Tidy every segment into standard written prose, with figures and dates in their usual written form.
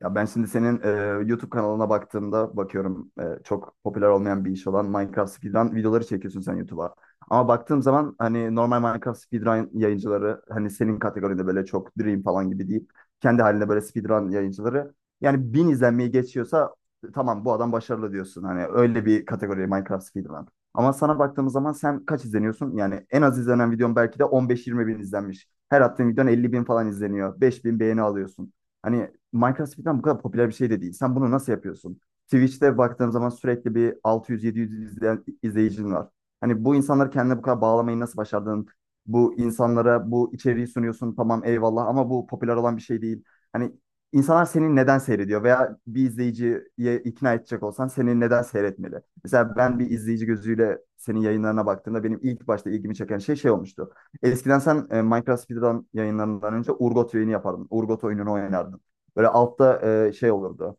Ya ben şimdi senin YouTube kanalına baktığımda bakıyorum çok popüler olmayan bir iş olan Minecraft Speedrun videoları çekiyorsun sen YouTube'a. Ama baktığım zaman hani normal Minecraft Speedrun yayıncıları, hani senin kategoride böyle çok Dream falan gibi deyip kendi halinde böyle Speedrun yayıncıları, yani bin izlenmeyi geçiyorsa tamam bu adam başarılı diyorsun. Hani öyle bir kategori Minecraft Speedrun. Ama sana baktığımız zaman sen kaç izleniyorsun? Yani en az izlenen videon belki de 15-20 bin izlenmiş. Her attığın videon 50 bin falan izleniyor. 5 bin beğeni alıyorsun. Hani Minecraft falan bu kadar popüler bir şey de değil. Sen bunu nasıl yapıyorsun? Twitch'te baktığım zaman sürekli bir 600-700 izleyen, izleyicin var. Hani bu insanları kendine bu kadar bağlamayı nasıl başardın? Bu insanlara bu içeriği sunuyorsun, tamam, eyvallah, ama bu popüler olan bir şey değil. Hani insanlar seni neden seyrediyor veya bir izleyiciye ikna edecek olsan seni neden seyretmeli? Mesela ben bir izleyici gözüyle senin yayınlarına baktığımda benim ilk başta ilgimi çeken şey olmuştu. Eskiden sen Minecraft Speedrun yayınlarından önce Urgot yayını yapardın. Urgot oyununu oynardın. Böyle altta şey olurdu.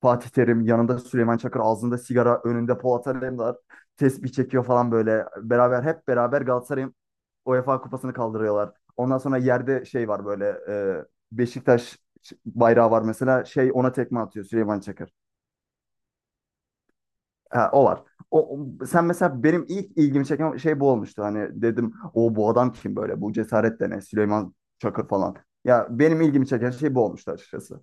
Fatih Terim yanında, Süleyman Çakır ağzında sigara, önünde Polat Alemdar tesbih çekiyor falan böyle. Beraber, hep beraber Galatasaray'ın UEFA kupasını kaldırıyorlar. Ondan sonra yerde şey var böyle, Beşiktaş bayrağı var mesela, şey, ona tekme atıyor Süleyman Çakır. Ha, o var. Sen mesela benim ilk ilgimi çeken şey bu olmuştu. Hani dedim, o bu adam kim böyle? Bu cesaret de ne? Süleyman Çakır falan. Ya benim ilgimi çeken şey bu olmuştu açıkçası.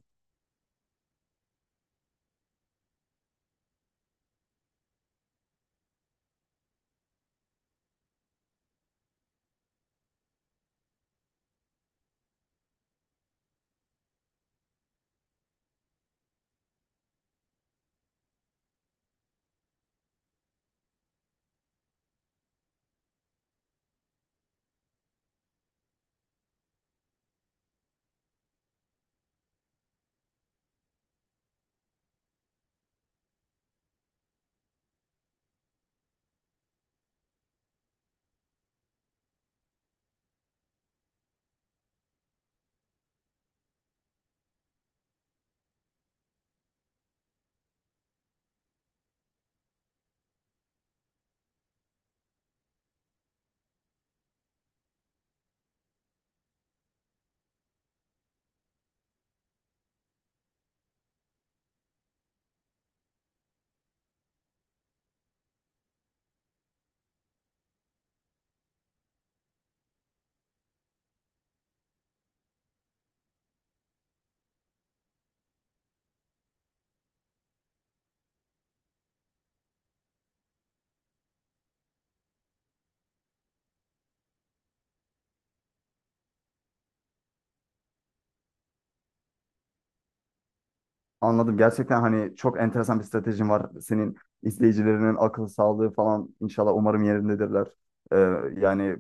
Anladım. Gerçekten hani çok enteresan bir stratejin var. Senin izleyicilerinin akıl sağlığı falan inşallah umarım yerindedirler. Ee, yani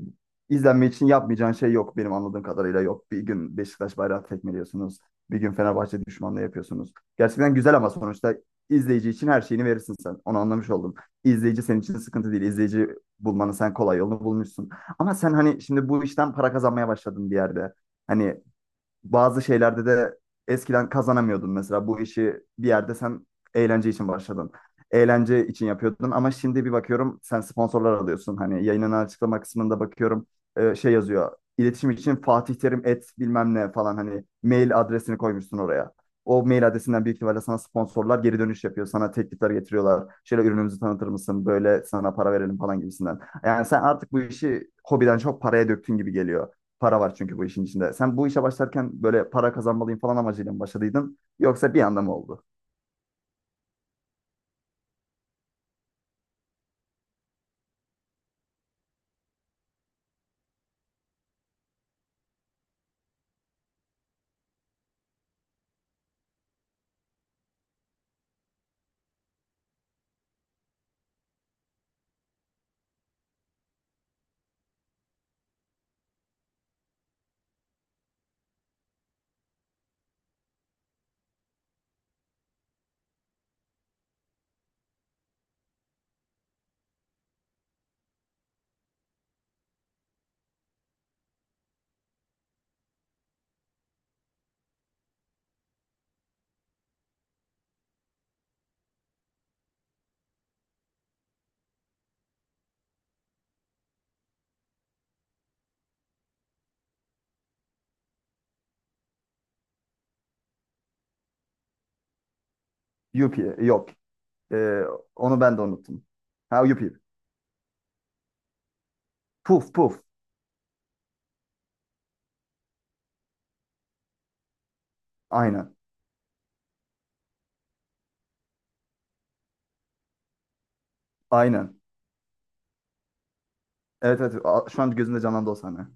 izlenme için yapmayacağın şey yok benim anladığım kadarıyla, yok. Bir gün Beşiktaş bayrağı tekmeliyorsunuz. Bir gün Fenerbahçe düşmanlığı yapıyorsunuz. Gerçekten güzel ama sonuçta izleyici için her şeyini verirsin sen. Onu anlamış oldum. İzleyici senin için sıkıntı değil. İzleyici bulmanı, sen kolay yolunu bulmuşsun. Ama sen hani şimdi bu işten para kazanmaya başladın bir yerde. Hani bazı şeylerde de eskiden kazanamıyordun mesela. Bu işi bir yerde sen eğlence için başladın. Eğlence için yapıyordun, ama şimdi bir bakıyorum sen sponsorlar alıyorsun. Hani yayının açıklama kısmında bakıyorum şey yazıyor. İletişim için Fatih Terim et bilmem ne falan, hani mail adresini koymuşsun oraya. O mail adresinden büyük ihtimalle sana sponsorlar geri dönüş yapıyor. Sana teklifler getiriyorlar. Şöyle, ürünümüzü tanıtır mısın? Böyle sana para verelim falan gibisinden. Yani sen artık bu işi hobiden çok paraya döktün gibi geliyor. Para var çünkü bu işin içinde. Sen bu işe başlarken böyle para kazanmalıyım falan amacıyla mı başladıydın? Yoksa bir anda mı oldu? Yupi, yok. Ee, onu ben de unuttum. Ha, Yupi. Puf puf. Aynen. Aynen. Evet, evet. Şu an gözümde canlandı o sahne.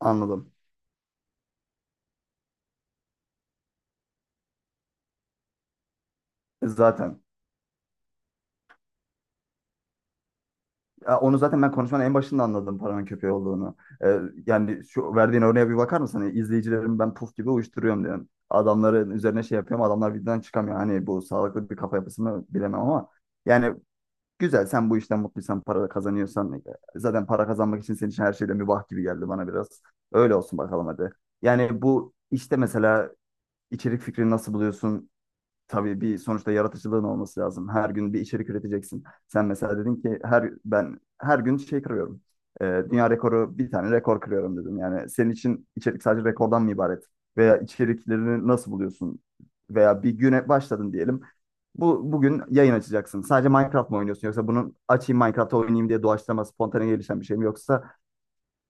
Anladım. Zaten. Ya onu zaten ben konuşmanın en başında anladım paranın köpeği olduğunu. Ee, yani şu verdiğin örneğe bir bakar mısın? Hani izleyicilerimi ben puf gibi uyuşturuyorum diyorsun. Adamların üzerine şey yapıyorum. Adamlar birden çıkamıyor. Hani bu sağlıklı bir kafa yapısı mı bilemem, ama yani güzel, sen bu işten mutluysan, para da kazanıyorsan zaten para kazanmak için senin için her şeyde mübah gibi geldi bana biraz. Öyle olsun bakalım, hadi. Yani bu işte mesela içerik fikrini nasıl buluyorsun? Tabii bir sonuçta yaratıcılığın olması lazım. Her gün bir içerik üreteceksin. Sen mesela dedin ki, ben her gün şey kırıyorum. Dünya rekoru, bir tane rekor kırıyorum dedim. Yani senin için içerik sadece rekordan mı ibaret? Veya içeriklerini nasıl buluyorsun? Veya bir güne başladın diyelim. Bu bugün yayın açacaksın. Sadece Minecraft mı oynuyorsun, yoksa bunu açayım Minecraft'ta oynayayım diye doğaçlama, spontane gelişen bir şey mi, yoksa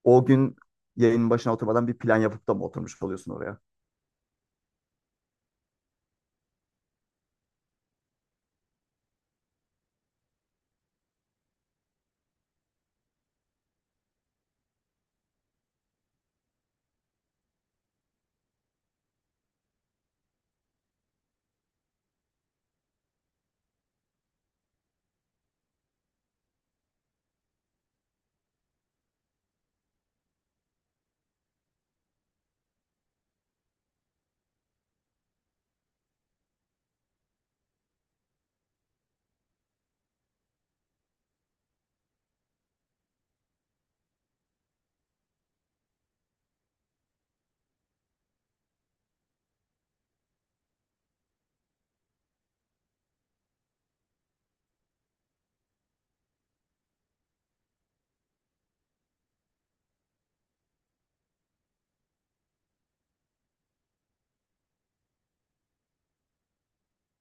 o gün yayının başına oturmadan bir plan yapıp da mı oturmuş oluyorsun oraya?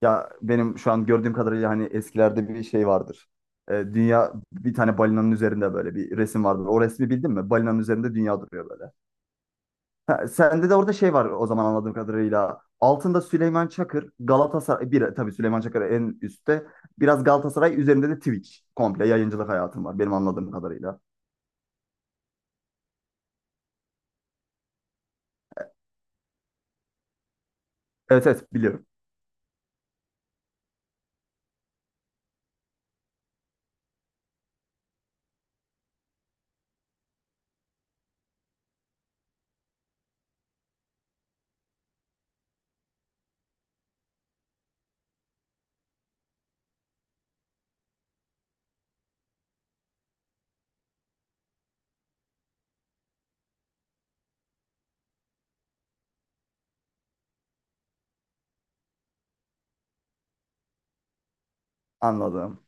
Ya benim şu an gördüğüm kadarıyla hani eskilerde bir şey vardır. Dünya bir tane balinanın üzerinde, böyle bir resim vardır. O resmi bildin mi? Balinanın üzerinde dünya duruyor böyle. Ha, sende de orada şey var o zaman anladığım kadarıyla. Altında Süleyman Çakır, Galatasaray, bir tabii Süleyman Çakır en üstte. Biraz Galatasaray üzerinde de Twitch. Komple yayıncılık hayatım var benim anladığım kadarıyla. Evet, evet, biliyorum. Anladım.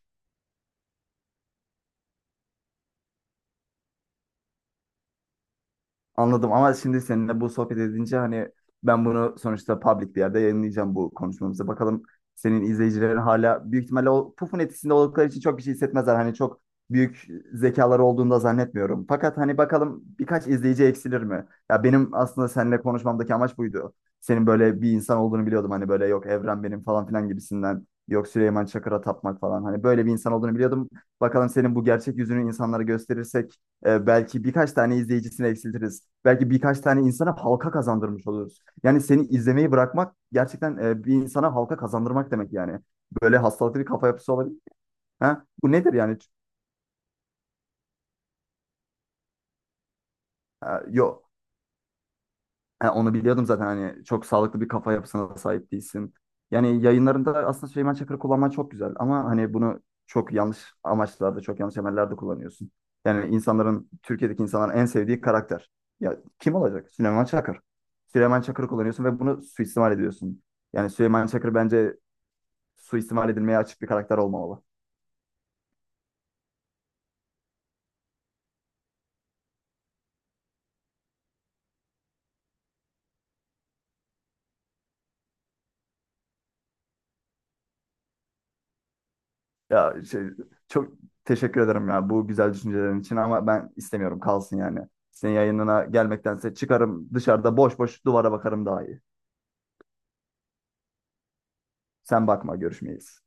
Anladım, ama şimdi seninle bu sohbet edince hani ben bunu sonuçta public bir yerde yayınlayacağım, bu konuşmamızı. Bakalım, senin izleyicilerin hala büyük ihtimalle o pufun etkisinde oldukları için çok bir şey hissetmezler. Hani çok büyük zekaları olduğunu da zannetmiyorum. Fakat hani bakalım, birkaç izleyici eksilir mi? Ya benim aslında seninle konuşmamdaki amaç buydu. Senin böyle bir insan olduğunu biliyordum. Hani böyle, yok evren benim falan filan gibisinden. Yok Süleyman Çakır'a tapmak falan. Hani böyle bir insan olduğunu biliyordum. Bakalım, senin bu gerçek yüzünü insanlara gösterirsek belki birkaç tane izleyicisini eksiltiriz. Belki birkaç tane insana halka kazandırmış oluruz. Yani seni izlemeyi bırakmak gerçekten bir insana halka kazandırmak demek yani. Böyle hastalıklı bir kafa yapısı olabilir. Ha? Bu nedir yani? Ha, yok. Ha, onu biliyordum zaten, hani çok sağlıklı bir kafa yapısına da sahip değilsin. Yani yayınlarında aslında Süleyman Çakır'ı kullanman çok güzel, ama hani bunu çok yanlış amaçlarda, çok yanlış emellerde kullanıyorsun. Yani insanların, Türkiye'deki insanların en sevdiği karakter. Ya kim olacak? Süleyman Çakır. Süleyman Çakır'ı kullanıyorsun ve bunu suistimal ediyorsun. Yani Süleyman Çakır bence suistimal edilmeye açık bir karakter olmamalı. Ya şey, çok teşekkür ederim ya bu güzel düşüncelerin için, ama ben istemiyorum, kalsın yani. Senin yayınına gelmektense çıkarım, dışarıda boş boş duvara bakarım, daha iyi. Sen bakma, görüşmeyiz.